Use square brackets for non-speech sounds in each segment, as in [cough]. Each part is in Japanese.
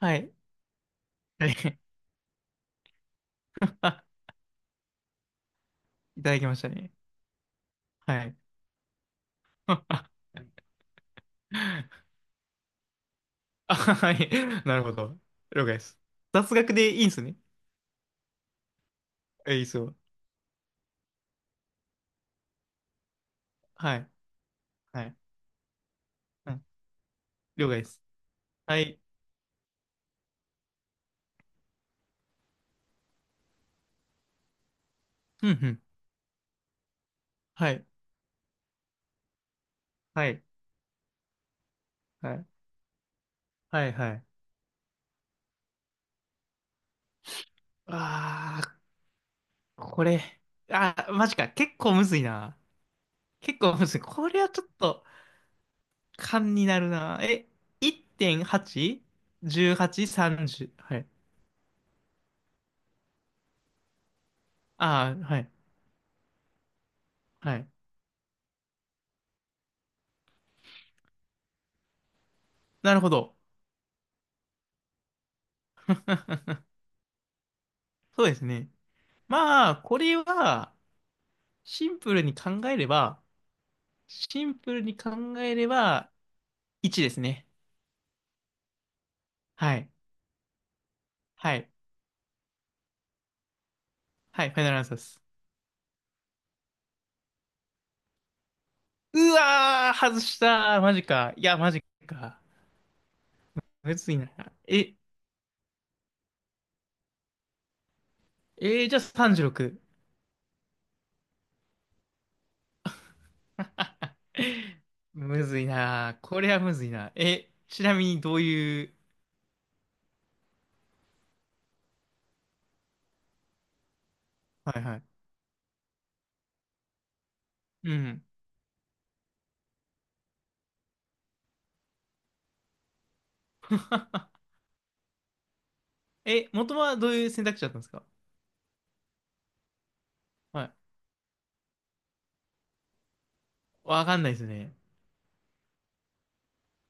はい。[laughs] はい。[laughs] いただきましたね。はい。[laughs] あ、はい。なるほど。了解です。雑学でいいんすね。え、いいっすよ。はい。はい。うん。了解です。はい。うんうん。はい。はい。はい。はい。はい。あー、これ。あー、マジか。結構むずいな。結構むずい。これはちょっと、勘になるな。え、1.8?18?30? はちじゅうはちさんじゅうはい。あー、はい。はい。なるほど。[laughs] そうですね。まあ、これは、シンプルに考えれば、シンプルに考えれば、1ですね。はい。はい。はい、ファイナルアンサーです。うわー、外したー。マジか。いや、マジか。むずいな。え、じゃあ36。[laughs] むずいな。これはむずいな。え、ちなみにどういう、はいはい。うん。[laughs] え、元はどういう選択肢だったんですか？はい。わかんないですね。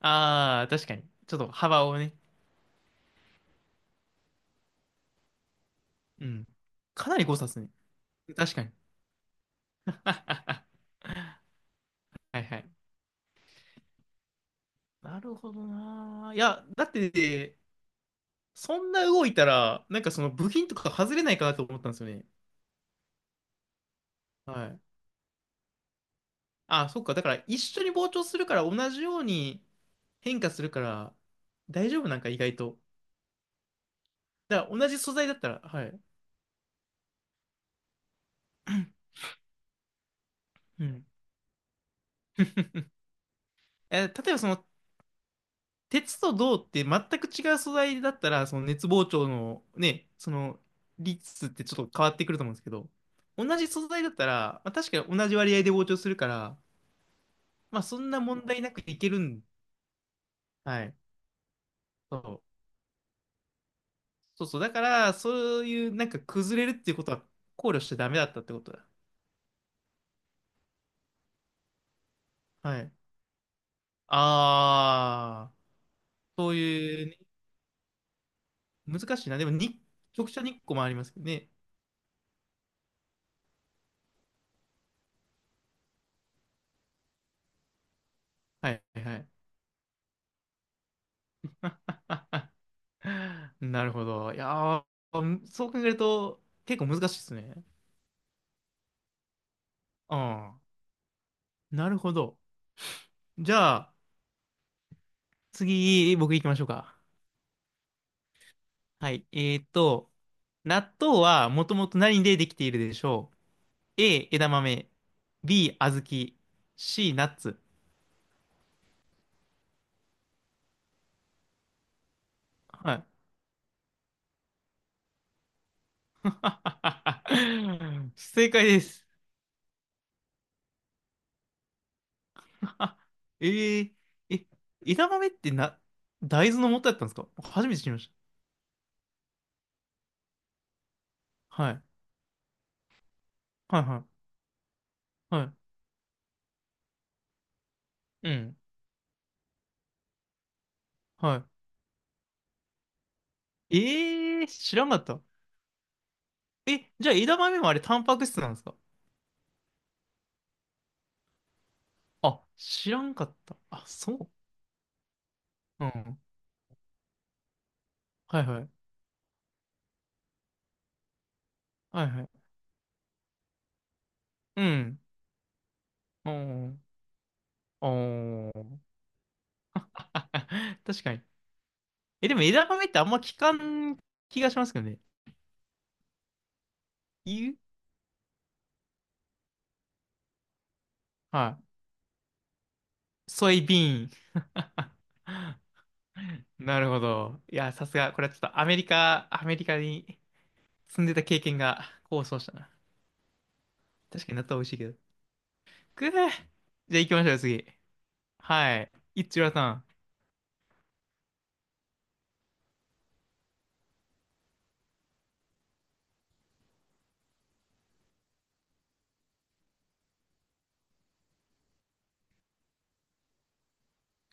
ああ、確かに。ちょっと幅をね、うん。かなり誤差ですね。確かに。[laughs] はいはい。なるほどな。いや、だって、そんな動いたら、なんかその部品とか外れないかなと思ったんですよね。はい。あ、そっか。だから一緒に膨張するから同じように変化するから大丈夫なんか意外と。だから同じ素材だったら、はい。[clears throat] うん。え、例えばその鉄と銅って全く違う素材だったら、その熱膨張のね、その率ってちょっと変わってくると思うんですけど、同じ素材だったら、まあ、確かに同じ割合で膨張するから、まあそんな問題なくいけるん。はい。そう。そうそう。だから、そういうなんか崩れるっていうことは考慮しちゃダメだったってことだ。はい。あー、そういうね、難しいな。でもに、直射日光もありますけどね。はいはいはい。[laughs] [laughs] なるほど。いやー、むそう考えると結構難しいですね。うん。なるほど。じゃあ、次、僕行きましょうか。はい。納豆はもともと何でできているでしょう？ A、枝豆。B、小豆。C、ナッツ。はい。[laughs] 正解です。[laughs] あえー、え、枝豆ってな、大豆の元だったんですか？初めて知りました。はい。はいはい。はい。うん。はいええー、知らんかった。え、じゃあ枝豆もあれタンパク質なんですか？あ、知らんかった。あ、そう。うん。はいはい。はいはい。うん。おーおー。[laughs] 確かに。え、でも枝豆ってあんま聞かん気がしますけどね。言うはい。ソイビーン。[laughs] なるほど。いや、さすが。これはちょっとアメリカに住んでた経験が功そうしたな。確かに納豆美味しいけど。くぅ。じゃあ行きましょう、次。はい。いっちゅらさん。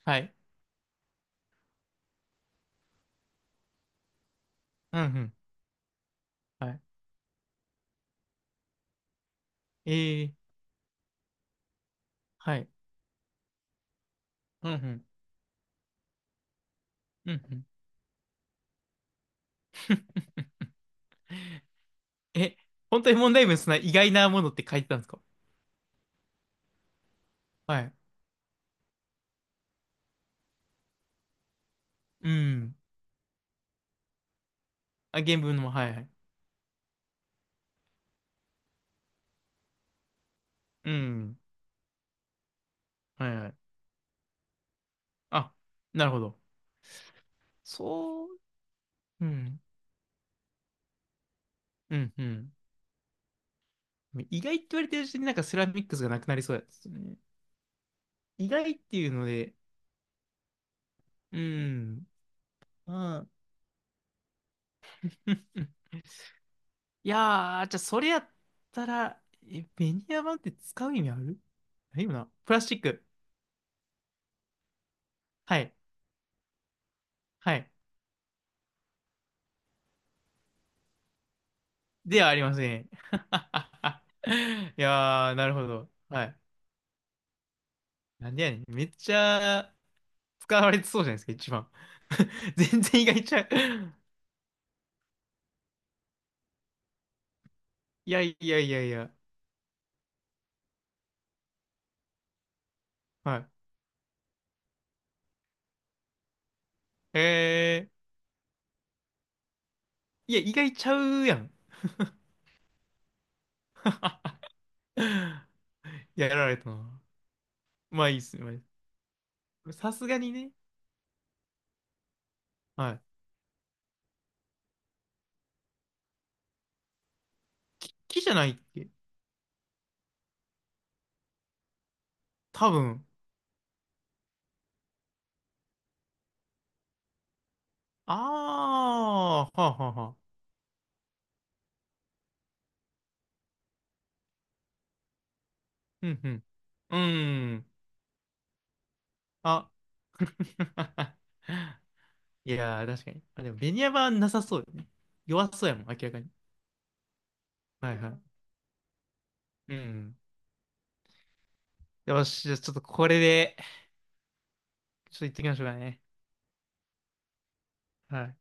はい。うんうん。はい。ええはい。うんうん。うんうん。[laughs] え、本当に問題文そんな意外なものって書いてたんですか？はい。うん。あ、原文のも、はいはい。うん。はいはい。あ、なるほど。そう、うん。うんうん。意外って言われてるうちになんかセラミックスがなくなりそうですね。意外っていうので、うん。あん [laughs] いやー、じゃあそれやったら、え、ベニヤ板って使う意味ある？ないよな。プラスチック。はい。はい。ではありません。[laughs] いやー、なるほど。はい。なんでやねん。めっちゃ使われてそうじゃないですか、一番。[laughs] 全然意外ちゃう。いやいやいやいや。はい。えー、いや、意外ちゃうやん。[laughs] いややられたな。まあいいっすね。まあいいっすさすがにね。はい。き、木じゃないっけ？多分。あー、はあはあはあ。うんうん。うーん。あ。[laughs] いやー、確かに。あ、でも、ベニヤマはなさそうよね。弱そうやもん、明らかに。はいはい。うん。よし、じゃあちょっとこれで、ちょっと言ってきましょうかね。はい。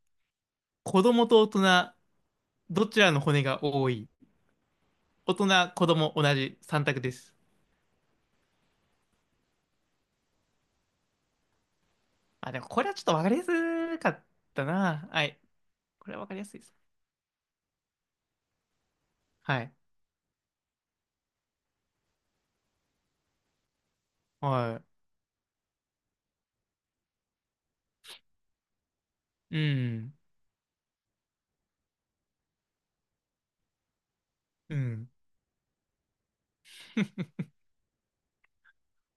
子供と大人、どちらの骨が多い？大人、子供、同じ3択です。あ、でもこれはちょっとわかりやすかったな。はい。これはわかりやすいです。はい。はい。うん。うん。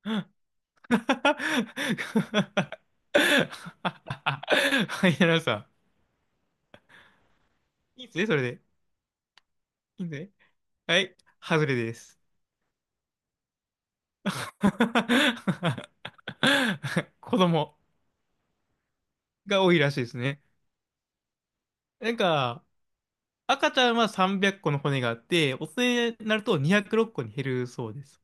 [laughs] はい、やらさん。いいですね、それで。いいですね。はい、外れです。[laughs] 子供が多いらしいですね。なんか、赤ちゃんは300個の骨があって、大人になると206個に減るそうです。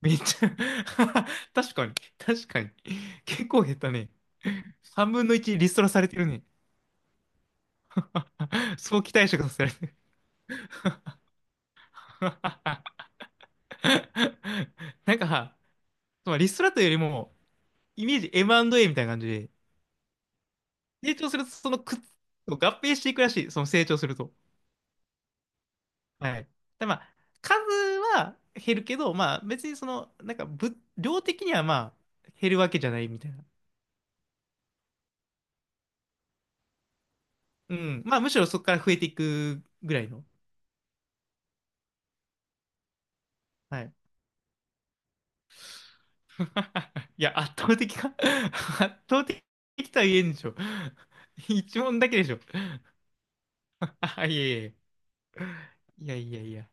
めっちゃ [laughs] 確かに、確かに。結構減ったね。3分の1リストラされてるね。[laughs] 早期退職させられてる [laughs] なんか、そのリストラというよりも、イメージ M&A みたいな感じで、成長するとそのくっ合併していくらしい、その成長すると。はい。で、まあ、数は減るけど、まあ、別にその、なんか、ぶ、量的にはまあ、減るわけじゃないみたいな。うん。まあ、むしろそこから増えていくぐらいの。はい。[laughs] いや、圧倒的か [laughs] 圧倒的とは言えんでしょ。[laughs] 一問だけでしょ。[laughs] あ、いえいえ。いやいやいや。